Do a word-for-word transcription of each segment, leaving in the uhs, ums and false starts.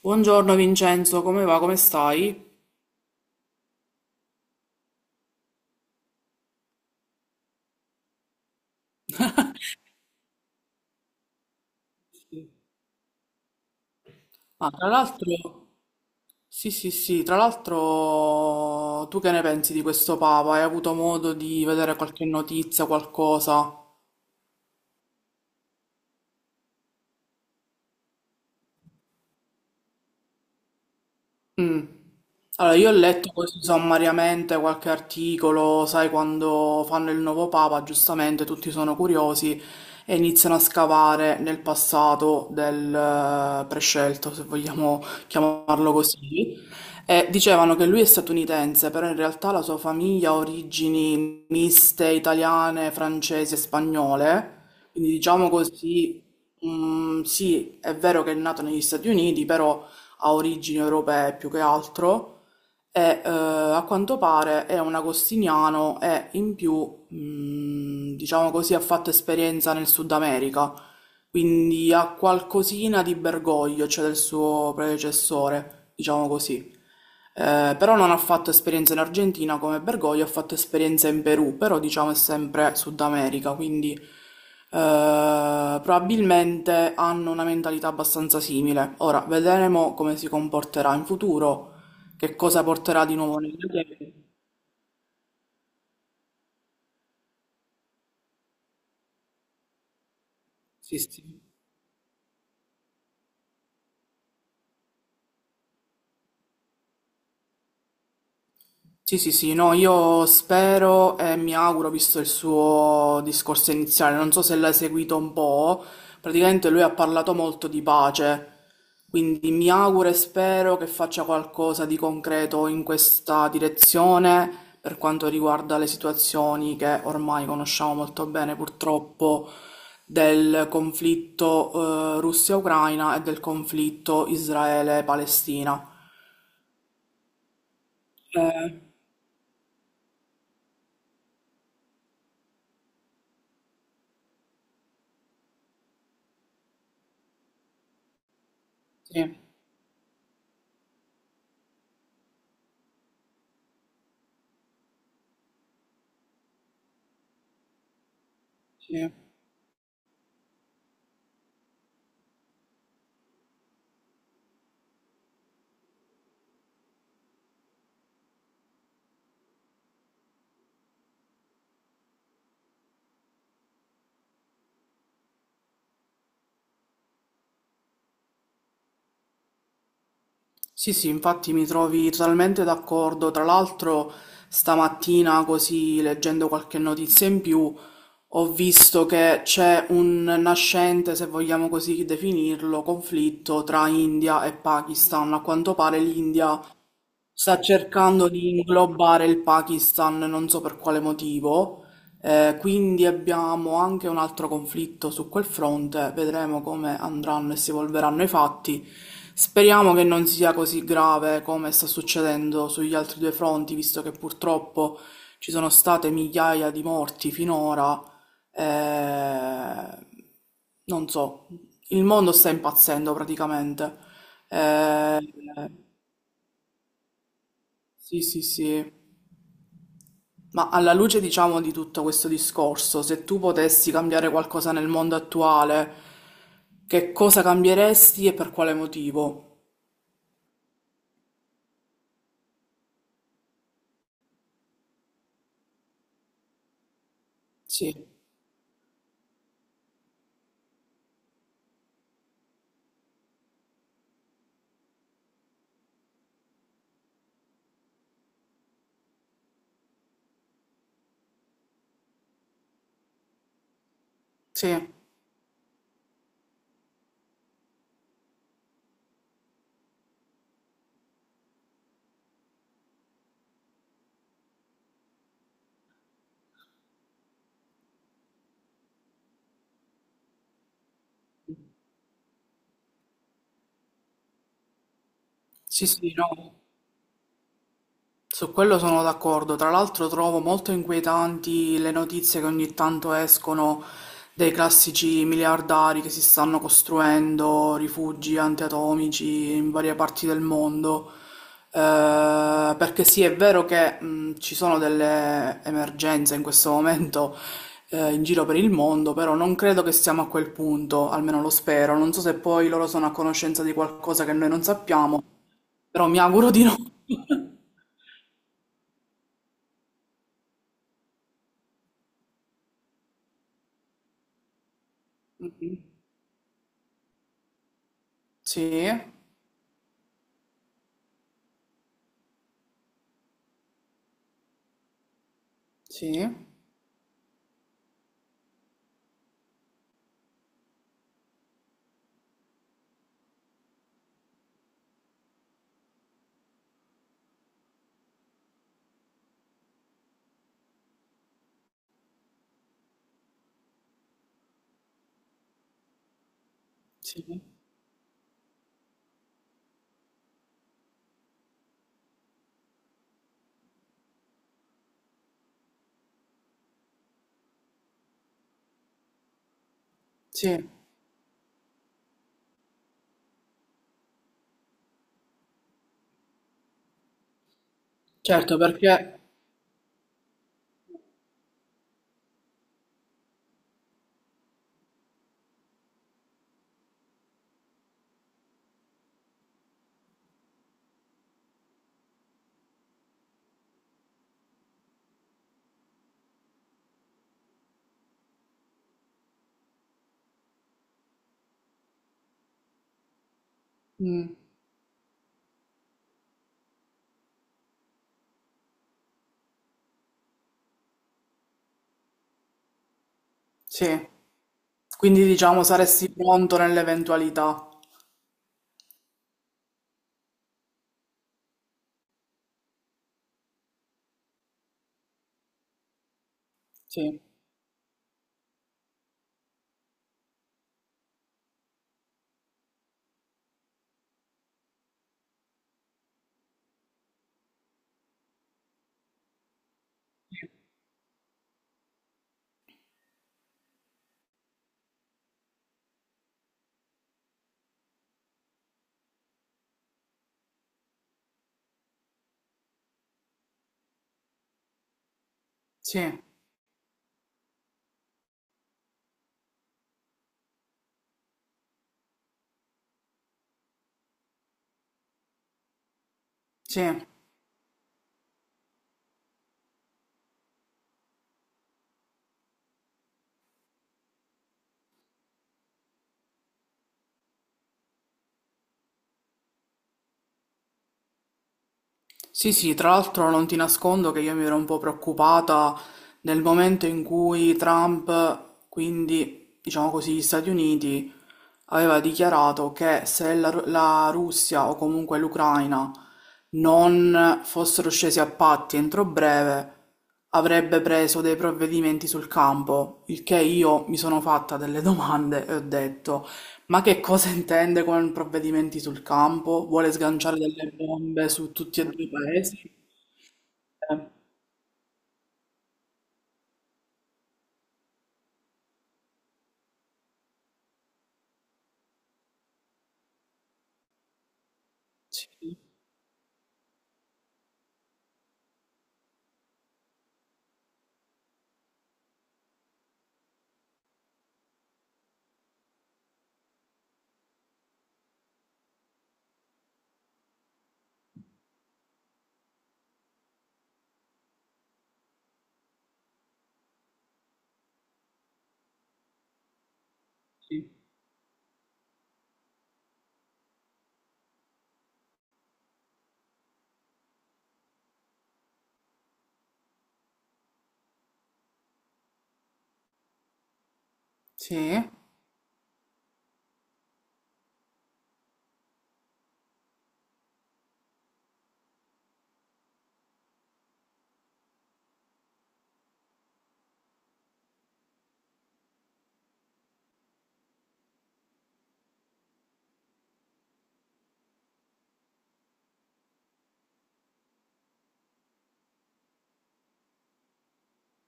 Buongiorno Vincenzo, come va? Come stai? Ah, tra l'altro, sì, sì, sì, tra l'altro, tu che ne pensi di questo Papa? Hai avuto modo di vedere qualche notizia, qualcosa? Mm. Allora, io ho letto così sommariamente qualche articolo, sai, quando fanno il nuovo papa, giustamente tutti sono curiosi e iniziano a scavare nel passato del eh, prescelto, se vogliamo chiamarlo così. E dicevano che lui è statunitense, però in realtà la sua famiglia ha origini miste italiane, francesi e spagnole, quindi diciamo così, mm, sì, è vero che è nato negli Stati Uniti, però ha origini europee più che altro e eh, a quanto pare è un agostiniano e in più, mh, diciamo così, ha fatto esperienza nel Sud America, quindi ha qualcosina di Bergoglio, cioè del suo predecessore, diciamo così. Eh, però non ha fatto esperienza in Argentina come Bergoglio, ha fatto esperienza in Perù, però diciamo è sempre Sud America, quindi eh, probabilmente hanno una mentalità abbastanza simile. Ora, vedremo come si comporterà in futuro. Che cosa porterà di nuovo nella chiesa? Sì, sì. Sì, sì, sì, no, io spero e mi auguro, visto il suo discorso iniziale, non so se l'hai seguito un po', praticamente lui ha parlato molto di pace, quindi mi auguro e spero che faccia qualcosa di concreto in questa direzione per quanto riguarda le situazioni che ormai conosciamo molto bene, purtroppo, del conflitto, eh, Russia-Ucraina e del conflitto Israele-Palestina. Eh, sì, sì. Sì, sì, infatti mi trovi totalmente d'accordo. Tra l'altro, stamattina, così leggendo qualche notizia in più, ho visto che c'è un nascente, se vogliamo così definirlo, conflitto tra India e Pakistan. A quanto pare l'India sta cercando di inglobare il Pakistan, non so per quale motivo, eh, quindi abbiamo anche un altro conflitto su quel fronte, vedremo come andranno e si evolveranno i fatti. Speriamo che non sia così grave come sta succedendo sugli altri due fronti, visto che purtroppo ci sono state migliaia di morti finora. eh, Non so, il mondo sta impazzendo praticamente. Eh, sì, sì, sì. Ma alla luce, diciamo, di tutto questo discorso, se tu potessi cambiare qualcosa nel mondo attuale, che cosa cambieresti e per quale motivo? Sì, sì, sì, sì, no. Su quello sono d'accordo, tra l'altro trovo molto inquietanti le notizie che ogni tanto escono dei classici miliardari che si stanno costruendo rifugi antiatomici in varie parti del mondo. Eh, perché sì, è vero che mh, ci sono delle emergenze in questo momento eh, in giro per il mondo, però non credo che siamo a quel punto, almeno lo spero. Non so se poi loro sono a conoscenza di qualcosa che noi non sappiamo, però mi auguro di no. Sì, sì, sì, sì, certo perché... Mm, sì, quindi diciamo saresti pronto nell'eventualità. Sì, sì, sì. Sì, sì, tra l'altro non ti nascondo che io mi ero un po' preoccupata nel momento in cui Trump, quindi diciamo così, gli Stati Uniti aveva dichiarato che se la, Ru- la Russia o comunque l'Ucraina non fossero scesi a patti entro breve, avrebbe preso dei provvedimenti sul campo, il che io mi sono fatta delle domande e ho detto, ma che cosa intende con provvedimenti sul campo? Vuole sganciare delle bombe su tutti e due i paesi? Eh, Sì, sì, sì,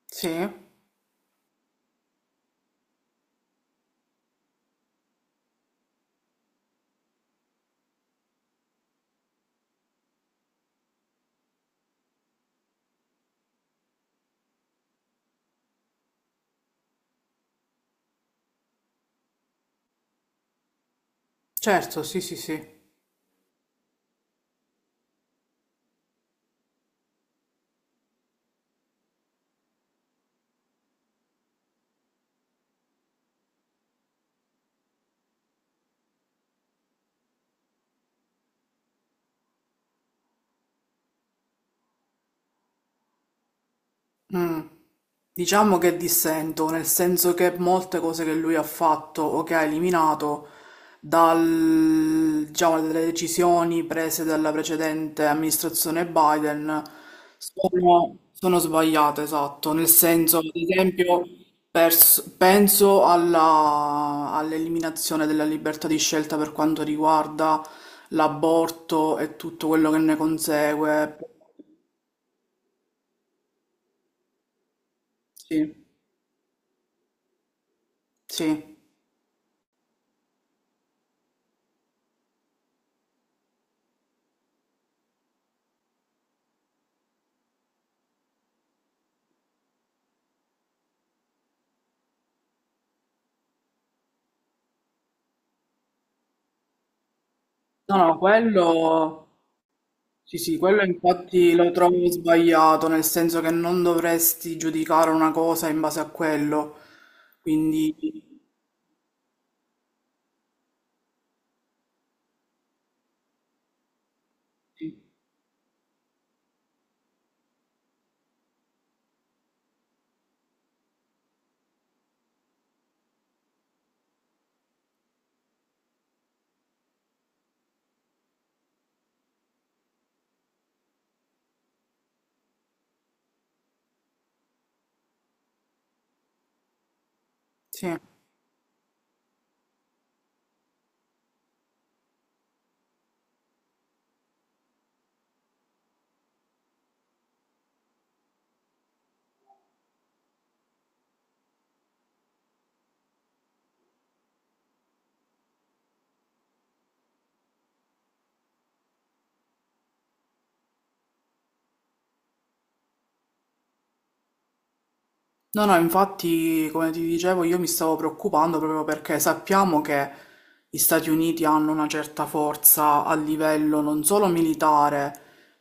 sì, certo, sì, sì, sì. Mm. Diciamo che dissento, nel senso che molte cose che lui ha fatto o che ha eliminato dal- diciamo, dalle decisioni prese dalla precedente amministrazione Biden sono, sono sbagliate, esatto. Nel senso, ad esempio, pers- penso alla- all'eliminazione della libertà di scelta per quanto riguarda l'aborto e tutto quello che ne consegue. Sì, sì. No, no, quello sì, sì, quello infatti lo trovo sbagliato, nel senso che non dovresti giudicare una cosa in base a quello. Quindi sì. No, no, infatti, come ti dicevo, io mi stavo preoccupando proprio perché sappiamo che gli Stati Uniti hanno una certa forza a livello non solo militare,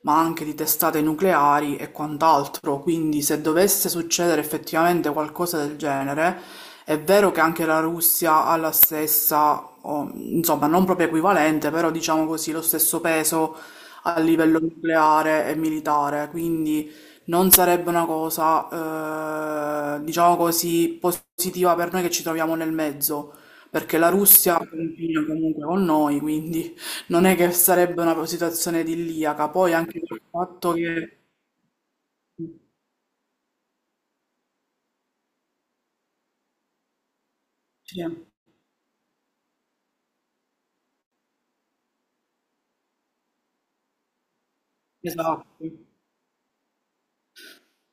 ma anche di testate nucleari e quant'altro. Quindi, se dovesse succedere effettivamente qualcosa del genere, è vero che anche la Russia ha la stessa, o, insomma, non proprio equivalente, però diciamo così, lo stesso peso a livello nucleare e militare. Quindi. Non sarebbe una cosa, eh, diciamo così, positiva per noi che ci troviamo nel mezzo, perché la Russia confina comunque con noi, quindi non è che sarebbe una situazione idilliaca. Poi anche il fatto che... Sì, esatto.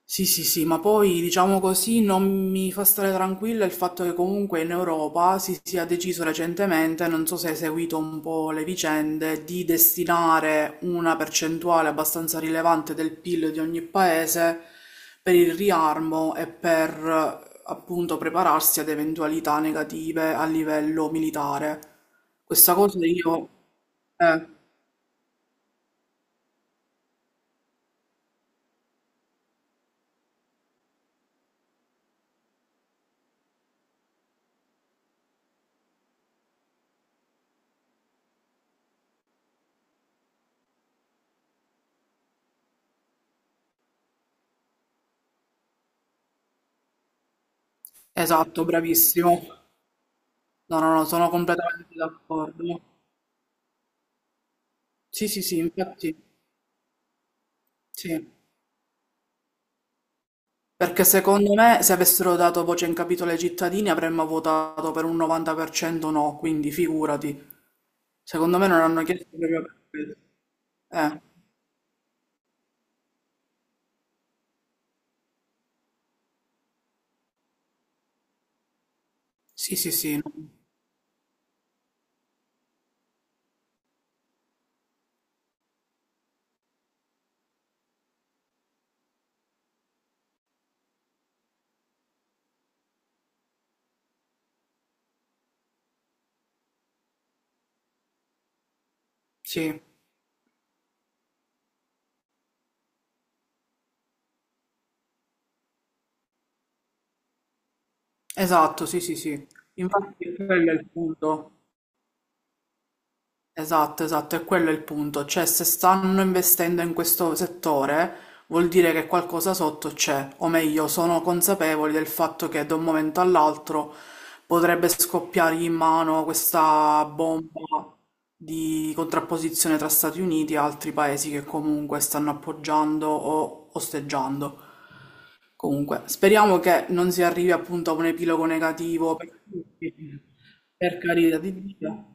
Sì, sì, sì, ma poi diciamo così non mi fa stare tranquilla il fatto che comunque in Europa si sia deciso recentemente, non so se hai seguito un po' le vicende, di destinare una percentuale abbastanza rilevante del P I L di ogni paese per il riarmo e per eh, appunto prepararsi ad eventualità negative a livello militare. Questa cosa io... eh, esatto, bravissimo. No, no, no, sono completamente d'accordo. Sì, sì, sì, infatti. Sì, perché secondo me se avessero dato voce in capitolo ai cittadini avremmo votato per un novanta per cento no, quindi figurati. Secondo me non hanno chiesto proprio per quello. Eh, sì, sì, sì, no. Sì, esatto, sì, sì, sì. Infatti quello è il punto. Esatto, esatto, è quello il punto, cioè se stanno investendo in questo settore vuol dire che qualcosa sotto c'è, o meglio, sono consapevoli del fatto che da un momento all'altro potrebbe scoppiargli in mano questa bomba di contrapposizione tra Stati Uniti e altri paesi che comunque stanno appoggiando o osteggiando. Comunque, speriamo che non si arrivi appunto a un epilogo negativo per tutti, per carità di Dio.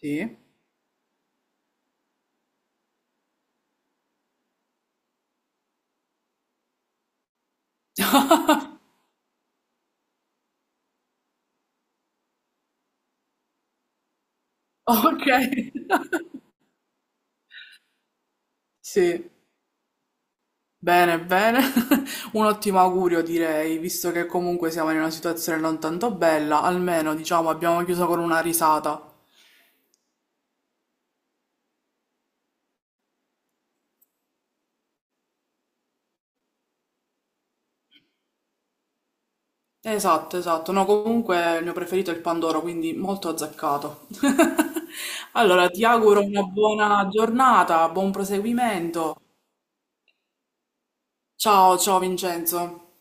Sì. Okay. Sì, bene, bene. Un ottimo augurio direi, visto che comunque siamo in una situazione non tanto bella, almeno diciamo abbiamo chiuso con una risata. Esatto, esatto. No, comunque il mio preferito è il Pandoro, quindi molto azzeccato. Allora, ti auguro una buona giornata, buon proseguimento. Ciao, ciao Vincenzo.